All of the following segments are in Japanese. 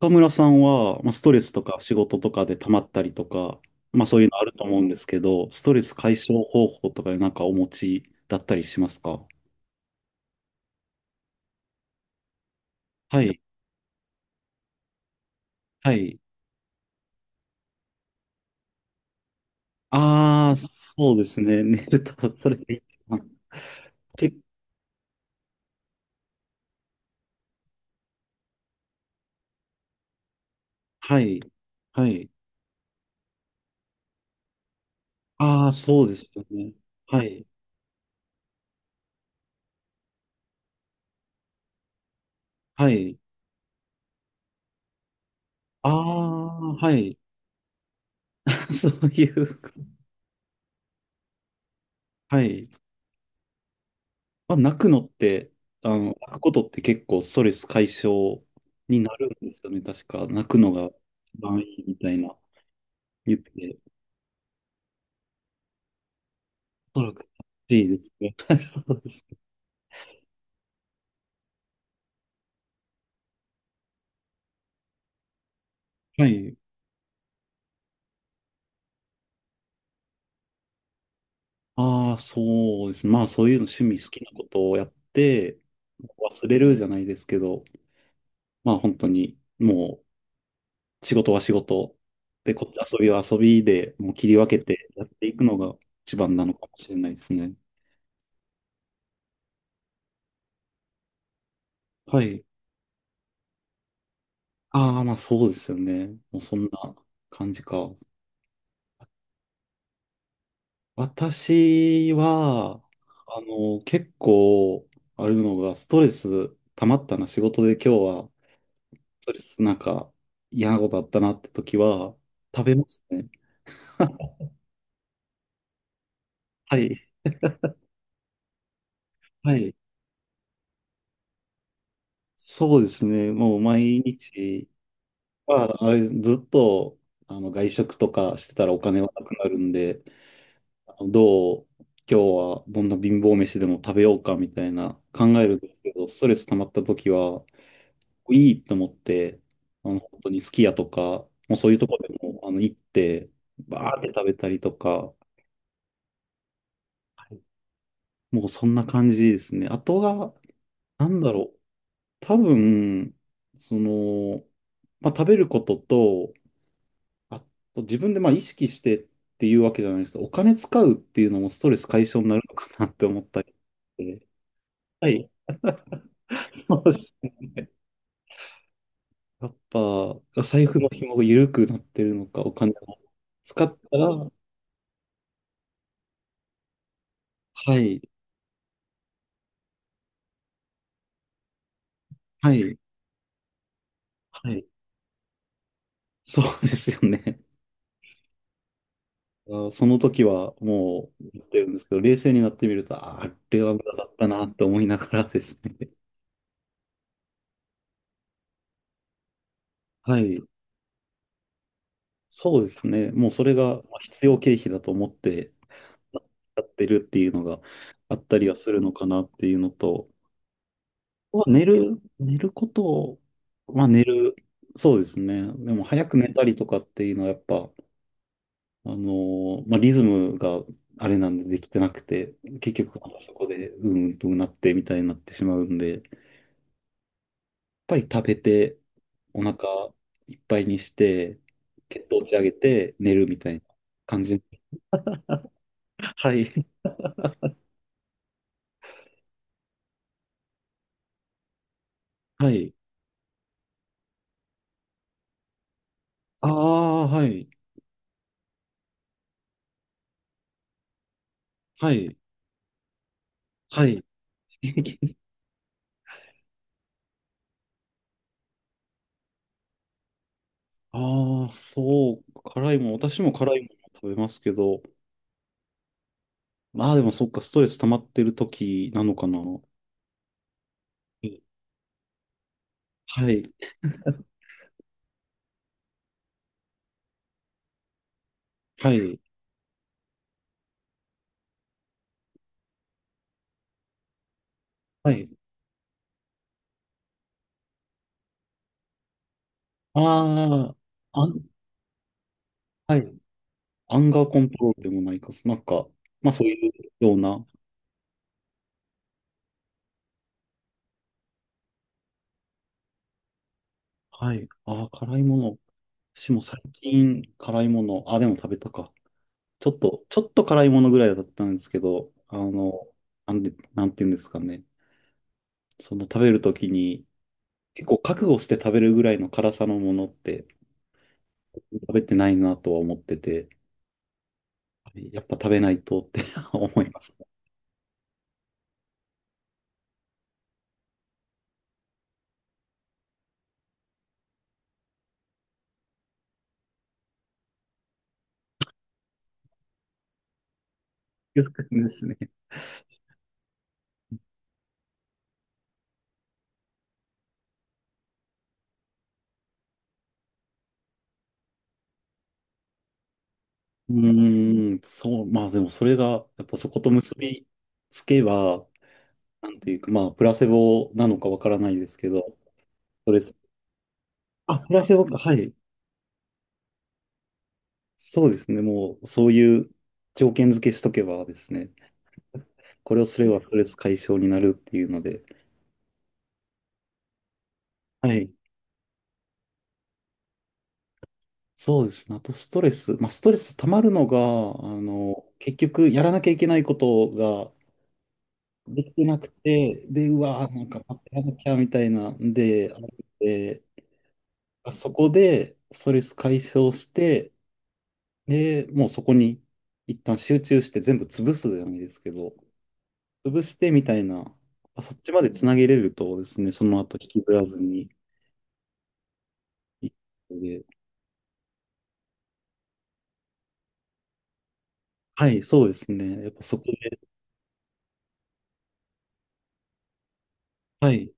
岡村さんは、まあ、ストレスとか仕事とかで溜まったりとか、まあそういうのあると思うんですけど、ストレス解消方法とかでなんかお持ちだったりしますか？はい。はい。ああ、そうですね。寝ると、それでいいかな。け、はい。はい。ああ、そうですよね。はい。はい。ああ、はい。そういう、はい。まあ、泣くのって、泣くことって結構ストレス解消になるんですよね。確か、泣くのが一番いいみたいな言って、おそらく正しいですね。そうです。はい。ああ、そうですね。まあ、そういうの趣味好きなことをやって、忘れるじゃないですけど、まあ、本当に、もう、仕事は仕事、で、こっち遊びは遊びで、もう切り分けてやっていくのが一番なのかもしれないですね。はい。ああ、まあそうですよね。もうそんな感じか。私は、結構、あるのが、ストレス溜まったな、仕事で今日は、ストレスなんか嫌なことあったなって時は、食べますね。はい。はい。そうですね。もう毎日は、ずっと、外食とかしてたらお金はなくなるんで、どう、今日はどんな貧乏飯でも食べようかみたいな考えるんですけど、ストレス溜まった時は、いいと思って、本当にすき家とか、もうそういうとこでも、行って、バーって食べたりとか、もうそんな感じですね。あとは、なんだろう、多分、その、まあ、食べることと、あと自分でまあ意識してっていうわけじゃないですけど、お金使うっていうのもストレス解消になるのかなって思ったりして。はい。そうですね。やっぱ、財布の紐が緩くなってるのか、お金を使ったら、はい、はい、はい、そうですよね。あその時はもう言ってるんですけど、冷静になってみると、ああれは無駄だったなって思いながらですね。はい、そうですね。もうそれがまあ必要経費だと思ってやってるっていうのがあったりはするのかなっていうのと、は寝る、寝ることを、まあ寝る、そうですね。でも早く寝たりとかっていうのはやっぱ、あのまあリズムがあれなんでできてなくて、結局なんかそこでうんとうなってみたいになってしまうんで、やっぱり食べてお腹いっぱいにして、血糖値上げて寝るみたいな感じ。はい。はい。ああ、はい。はい。はい。ああ、そう、辛いもん、私も辛いもの食べますけど、まあでもそっか、ストレス溜まってる時なのかな。はい、はい、はい。ああ、はい。アンガーコントロールでもないか、なんか、まあそういうような。はい。ああ、辛いもの。私も最近辛いもの、あ、でも食べたか。ちょっと辛いものぐらいだったんですけど、なんていうんですかね。その食べるときに、結構覚悟して食べるぐらいの辛さのものって食べてないなとは思ってて。やっぱ食べないとって 思います。気をつくんですね。うーん、そう、まあでもそれが、やっぱそこと結びつけば、なんていうか、まあ、プラセボなのかわからないですけど、それ、あ、プラセボか、はい。そうですね、もう、そういう条件付けしとけばですね、これをすればストレス解消になるっていうので、はい。そうですね。あとストレス。まあ、ストレス溜まるのが、結局やらなきゃいけないことできてなくて、で、うわー、なんか待ってやらなきゃみたいなんで、あってあそこでストレス解消して、で、もうそこに一旦集中して全部潰すじゃないですけど、潰してみたいな、あそっちまでつなげれるとですね、その後引きずらずにいくので、はい、そうですね。やっぱそこで、はい、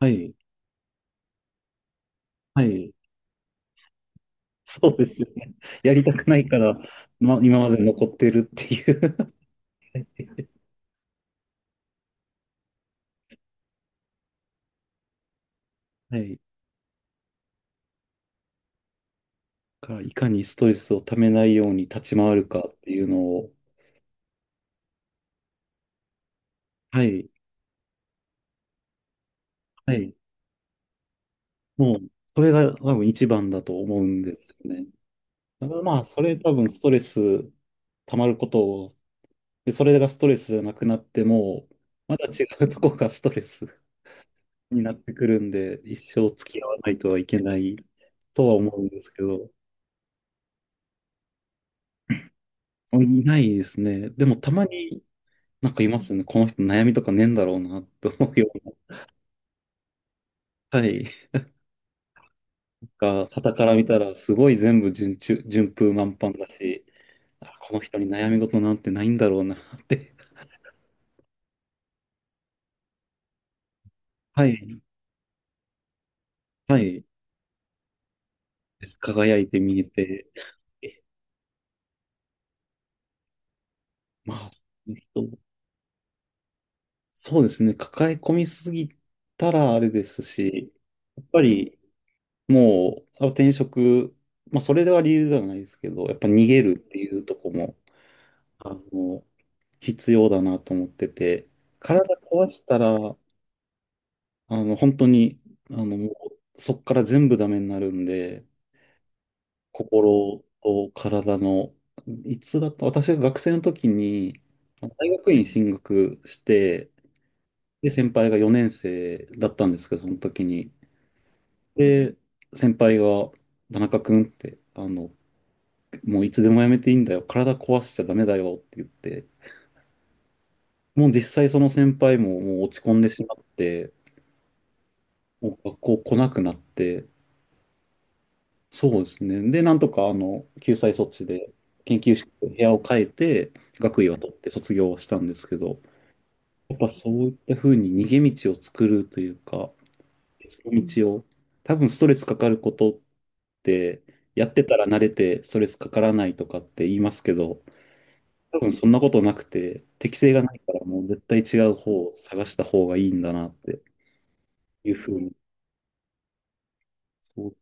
はい、はい、そうですね。やりたくないから、ま、今まで残ってるっていう。はいからいかにストレスをためないように立ち回るかっていうのを、はい、はい、もう、それが多分一番だと思うんですよね。だからまあ、それ多分ストレス溜まることを、で、それがストレスじゃなくなっても、まだ違うとこがストレス になってくるんで、一生付き合わないとはいけないとは思うんですけど、いないですね。でもたまになんかいますよね。この人悩みとかねえんだろうなと思うような。はい。が、傍から見たら、すごい全部順風満帆だし、あ、この人に悩み事なんてないんだろうなって、はい、はい、輝いて見えて、えまあ、その人そうですね、抱え込みすぎたらあれですし、やっぱりもう、あ転職、まあ、それでは理由ではないですけど、やっぱ逃げるっていうとこも、あの、必要だなと思ってて、体壊したら、本当に、もうそこから全部ダメになるんで、心と体の、いつだった、私が学生の時に、大学院進学して、で、先輩が4年生だったんですけど、その時に。で、先輩が、田中君って、もういつでもやめていいんだよ、体壊しちゃダメだよって言って、もう実際その先輩ももう落ち込んでしまって、もう学校来なくなって、そうですね。で、なんとか、救済措置で、研究室、の部屋を変えて、学位は取って卒業はしたんですけど、やっぱそういったふうに逃げ道を作るというか、別の道を、多分ストレスかかることって、やってたら慣れてストレスかからないとかって言いますけど、多分そんなことなくて、適性がないからもう絶対違う方を探した方がいいんだなっていうふうに。そう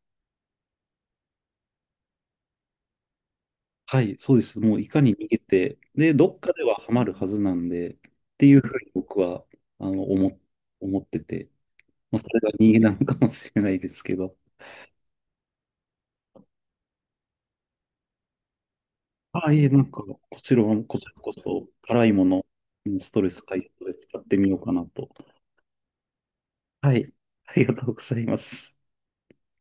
はい、そうです。もういかに逃げて、で、どっかではハマるはずなんで、っていうふうに僕は、あの、思、思ってて、まあ、それが逃げなのかもしれないですけど。ああ、いえ、なんか、こちらこそ、辛いもの、うんストレス解消で使ってみようかなと。はい、ありがとうございます。